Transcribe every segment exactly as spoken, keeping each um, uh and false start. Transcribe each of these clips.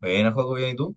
Bueno, Joaco, bien, ¿y tú?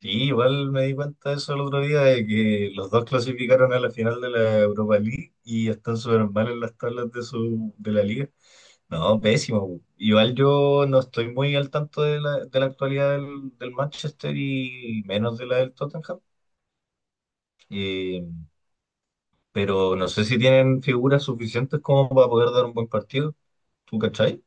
Sí, igual me di cuenta de eso el otro día, de que los dos clasificaron a la final de la Europa League y están súper mal en las tablas de su, de la liga. No, pésimo. Po. Igual yo no estoy muy al tanto de la, de la actualidad del, del Manchester y menos de la del Tottenham. Eh, pero no sé si tienen figuras suficientes como para poder dar un buen partido. ¿Tú cachai?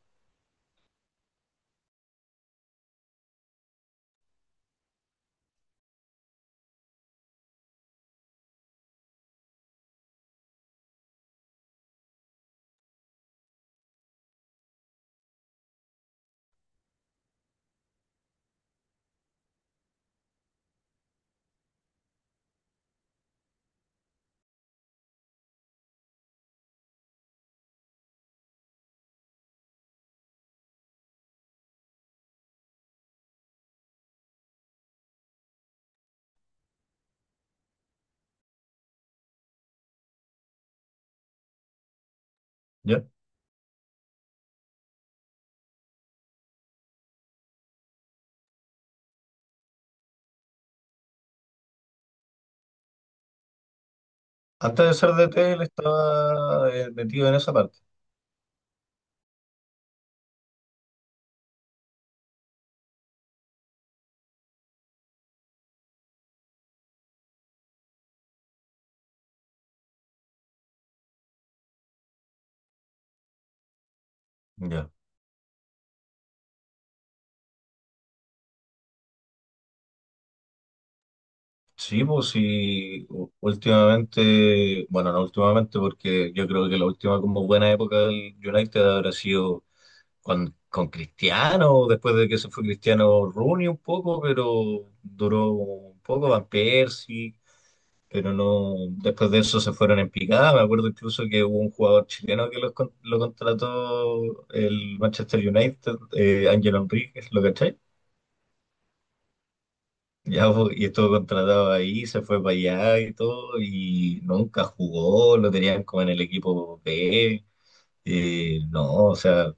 ¿Ya? Antes de ser D T, él estaba eh, metido en esa parte. Ya. Sí, pues sí, u- últimamente, bueno, no últimamente, porque yo creo que la última como buena época del United habrá sido con, con Cristiano, después de que se fue Cristiano Rooney un poco, pero duró un poco Van Persie, pero no, después de eso se fueron en picada. Me acuerdo incluso que hubo un jugador chileno que los con- lo contrató el Manchester United, eh, Ángel Enríquez, ¿lo cachai? Ya, po, y estuvo contratado ahí, se fue para allá y todo, y nunca jugó, lo tenían como en el equipo B. Eh, no, o sea,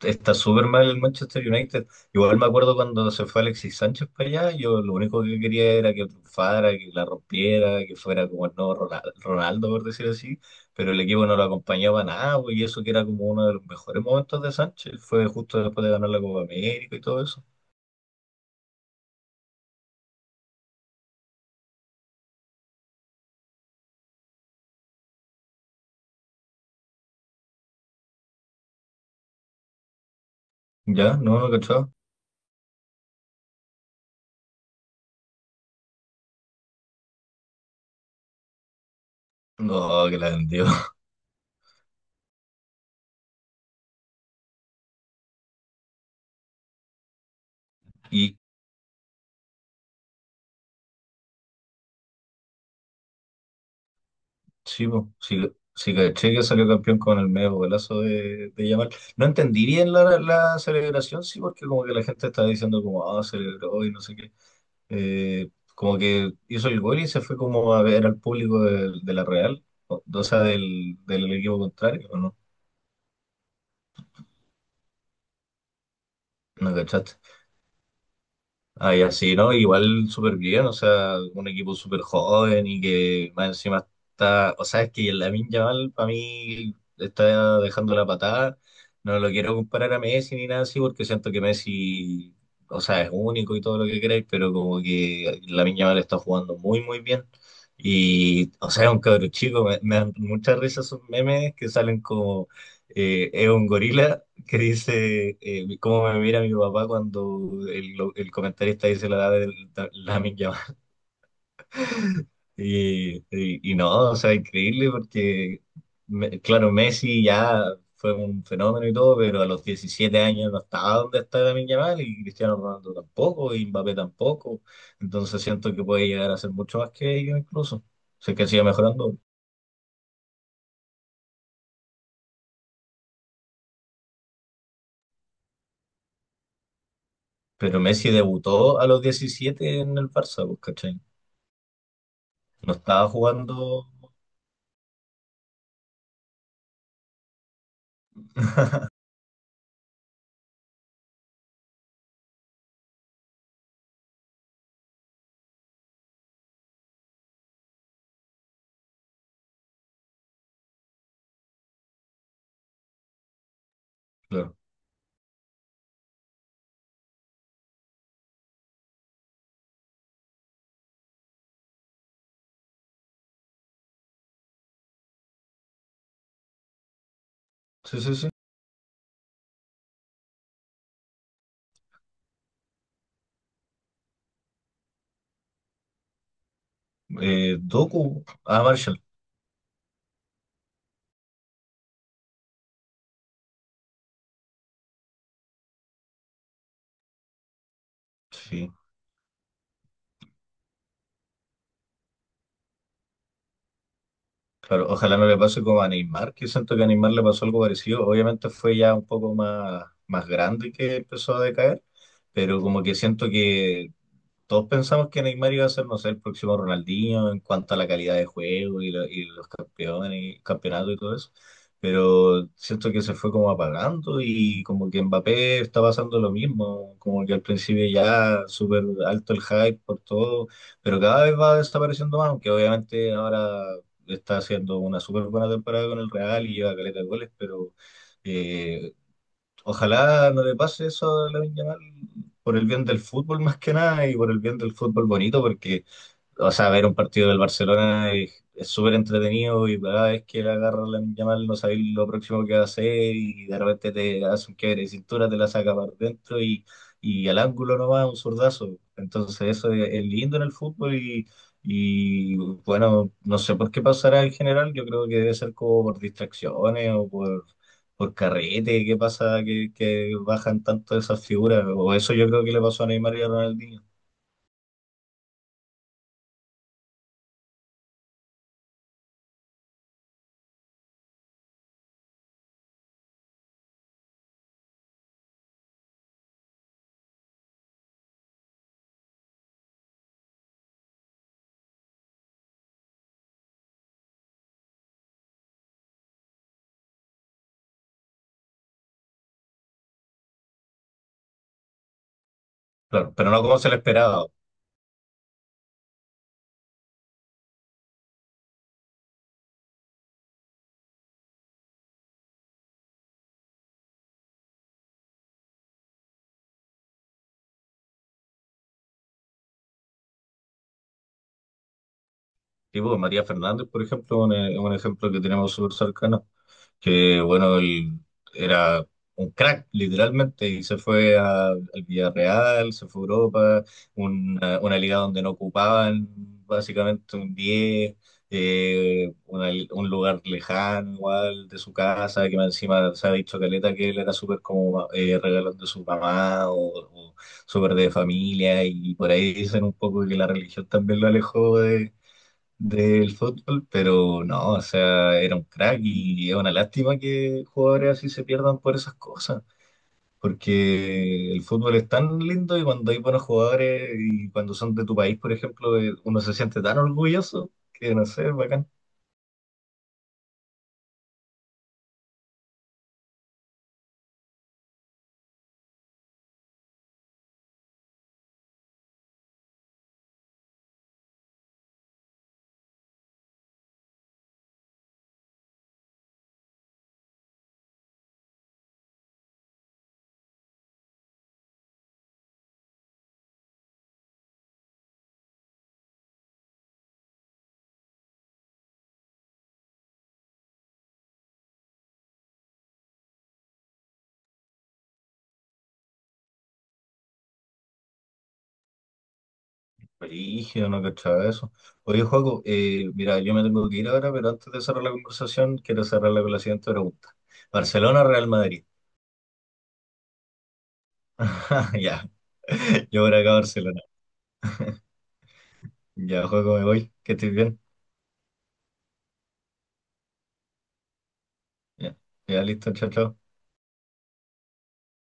está súper mal el Manchester United. Igual me acuerdo cuando se fue Alexis Sánchez para allá, yo lo único que quería era que triunfara, que la rompiera, que fuera como el nuevo Rona- Ronaldo, por decir así, pero el equipo no lo acompañaba nada, po, y eso que era como uno de los mejores momentos de Sánchez, fue justo después de ganar la Copa América y todo eso. Ya, no, no cachaba. No, que la vendió. ¿Y, sí, po. Sí, sí caché que salió campeón con el medio golazo de, de Yamal. No entendí bien la, la celebración, sí, porque como que la gente estaba diciendo como, ah, celebró y no sé qué. Eh, Como que hizo el gol y se fue como a ver al público de, de la Real, o, o sea, del, del equipo contrario, ¿o ¿no? ¿No cachaste? Ahí así, ¿no? Igual súper bien, o sea, un equipo súper joven y que más encima está, o sea, es que el Lamine Yamal para mí está dejando la patada, no lo quiero comparar a Messi ni nada así porque siento que Messi, o sea, es único y todo lo que queráis, pero como que Lamine Yamal está jugando muy, muy bien y, o sea, es un cabro chico, me, me dan mucha risa esos memes que salen como, eh, es un gorila que dice eh, cómo me mira mi papá cuando el, lo- el comentarista dice la edad de la, Lamine Yamal. Y, y, y no, o sea, increíble porque, me- claro, Messi ya fue un fenómeno y todo, pero a los diecisiete años no estaba donde está Lamine Yamal y Cristiano Ronaldo tampoco y Mbappé tampoco. Entonces siento que puede llegar a ser mucho más que ellos incluso. Sé que sigue mejorando. Pero Messi debutó a los diecisiete en el Barça, pues, ¿cachai? No estaba jugando. Claro. Sí, sí, sí. Eh, Doku, ah, Marshall, sí, claro. Ojalá no le pase como a Neymar, que siento que a Neymar le pasó algo parecido. Obviamente fue ya un poco más, más grande que empezó a decaer, pero como que siento que todos pensamos que Neymar iba a ser, no sé, el próximo Ronaldinho en cuanto a la calidad de juego y, lo- y los campeones, y campeonatos y todo eso, pero siento que se fue como apagando y como que Mbappé está pasando lo mismo, como que al principio ya súper alto el hype por todo, pero cada vez va desapareciendo más, aunque obviamente ahora está haciendo una súper buena temporada con el Real y lleva caleta de goles, pero... eh, ojalá no le pase eso a Lamine Yamal por el bien del fútbol más que nada y por el bien del fútbol bonito, porque o sea, ver un partido del Barcelona es es súper entretenido y cada vez que le agarra la Yamal no sabes lo próximo que va a hacer y de repente te hace un quiebre de cintura, te la saca para dentro y, y al ángulo no va un zurdazo. Entonces eso es, es lindo en el fútbol y, y bueno, no sé por qué pasará en general, yo creo que debe ser como por distracciones o por, por carrete, qué pasa que, que bajan tanto esas figuras, o eso yo creo que le pasó a Neymar y a Ronaldinho. Claro, pero no como se le esperaba. Sí, pues, María Fernández, por ejemplo, un, e- un ejemplo que tenemos súper cercano, que bueno, él era un crack, literalmente, y se fue a- al Villarreal, se fue a Europa, una, una liga donde no ocupaban básicamente un diez, eh, una- un lugar lejano igual de su casa, que más encima se ha dicho caleta que él era súper como eh, regalón de su mamá o, o súper de familia, y por ahí dicen un poco que la religión también lo alejó del fútbol, pero no, o sea, era un crack y es una lástima que jugadores así se pierdan por esas cosas, porque el fútbol es tan lindo y cuando hay buenos jugadores y cuando son de tu país, por ejemplo, eh, uno se siente tan orgulloso que no sé, es bacán. Brígido, no cachaba eso. Oye, Joaco, eh, mira, yo me tengo que ir ahora, pero antes de cerrar la conversación, quiero cerrarla con la siguiente pregunta. ¿Barcelona o Real Madrid? Ya, yo por acá Barcelona. Ya, Joaco, me voy, que estés bien. Ya, ya listo, chao, chao.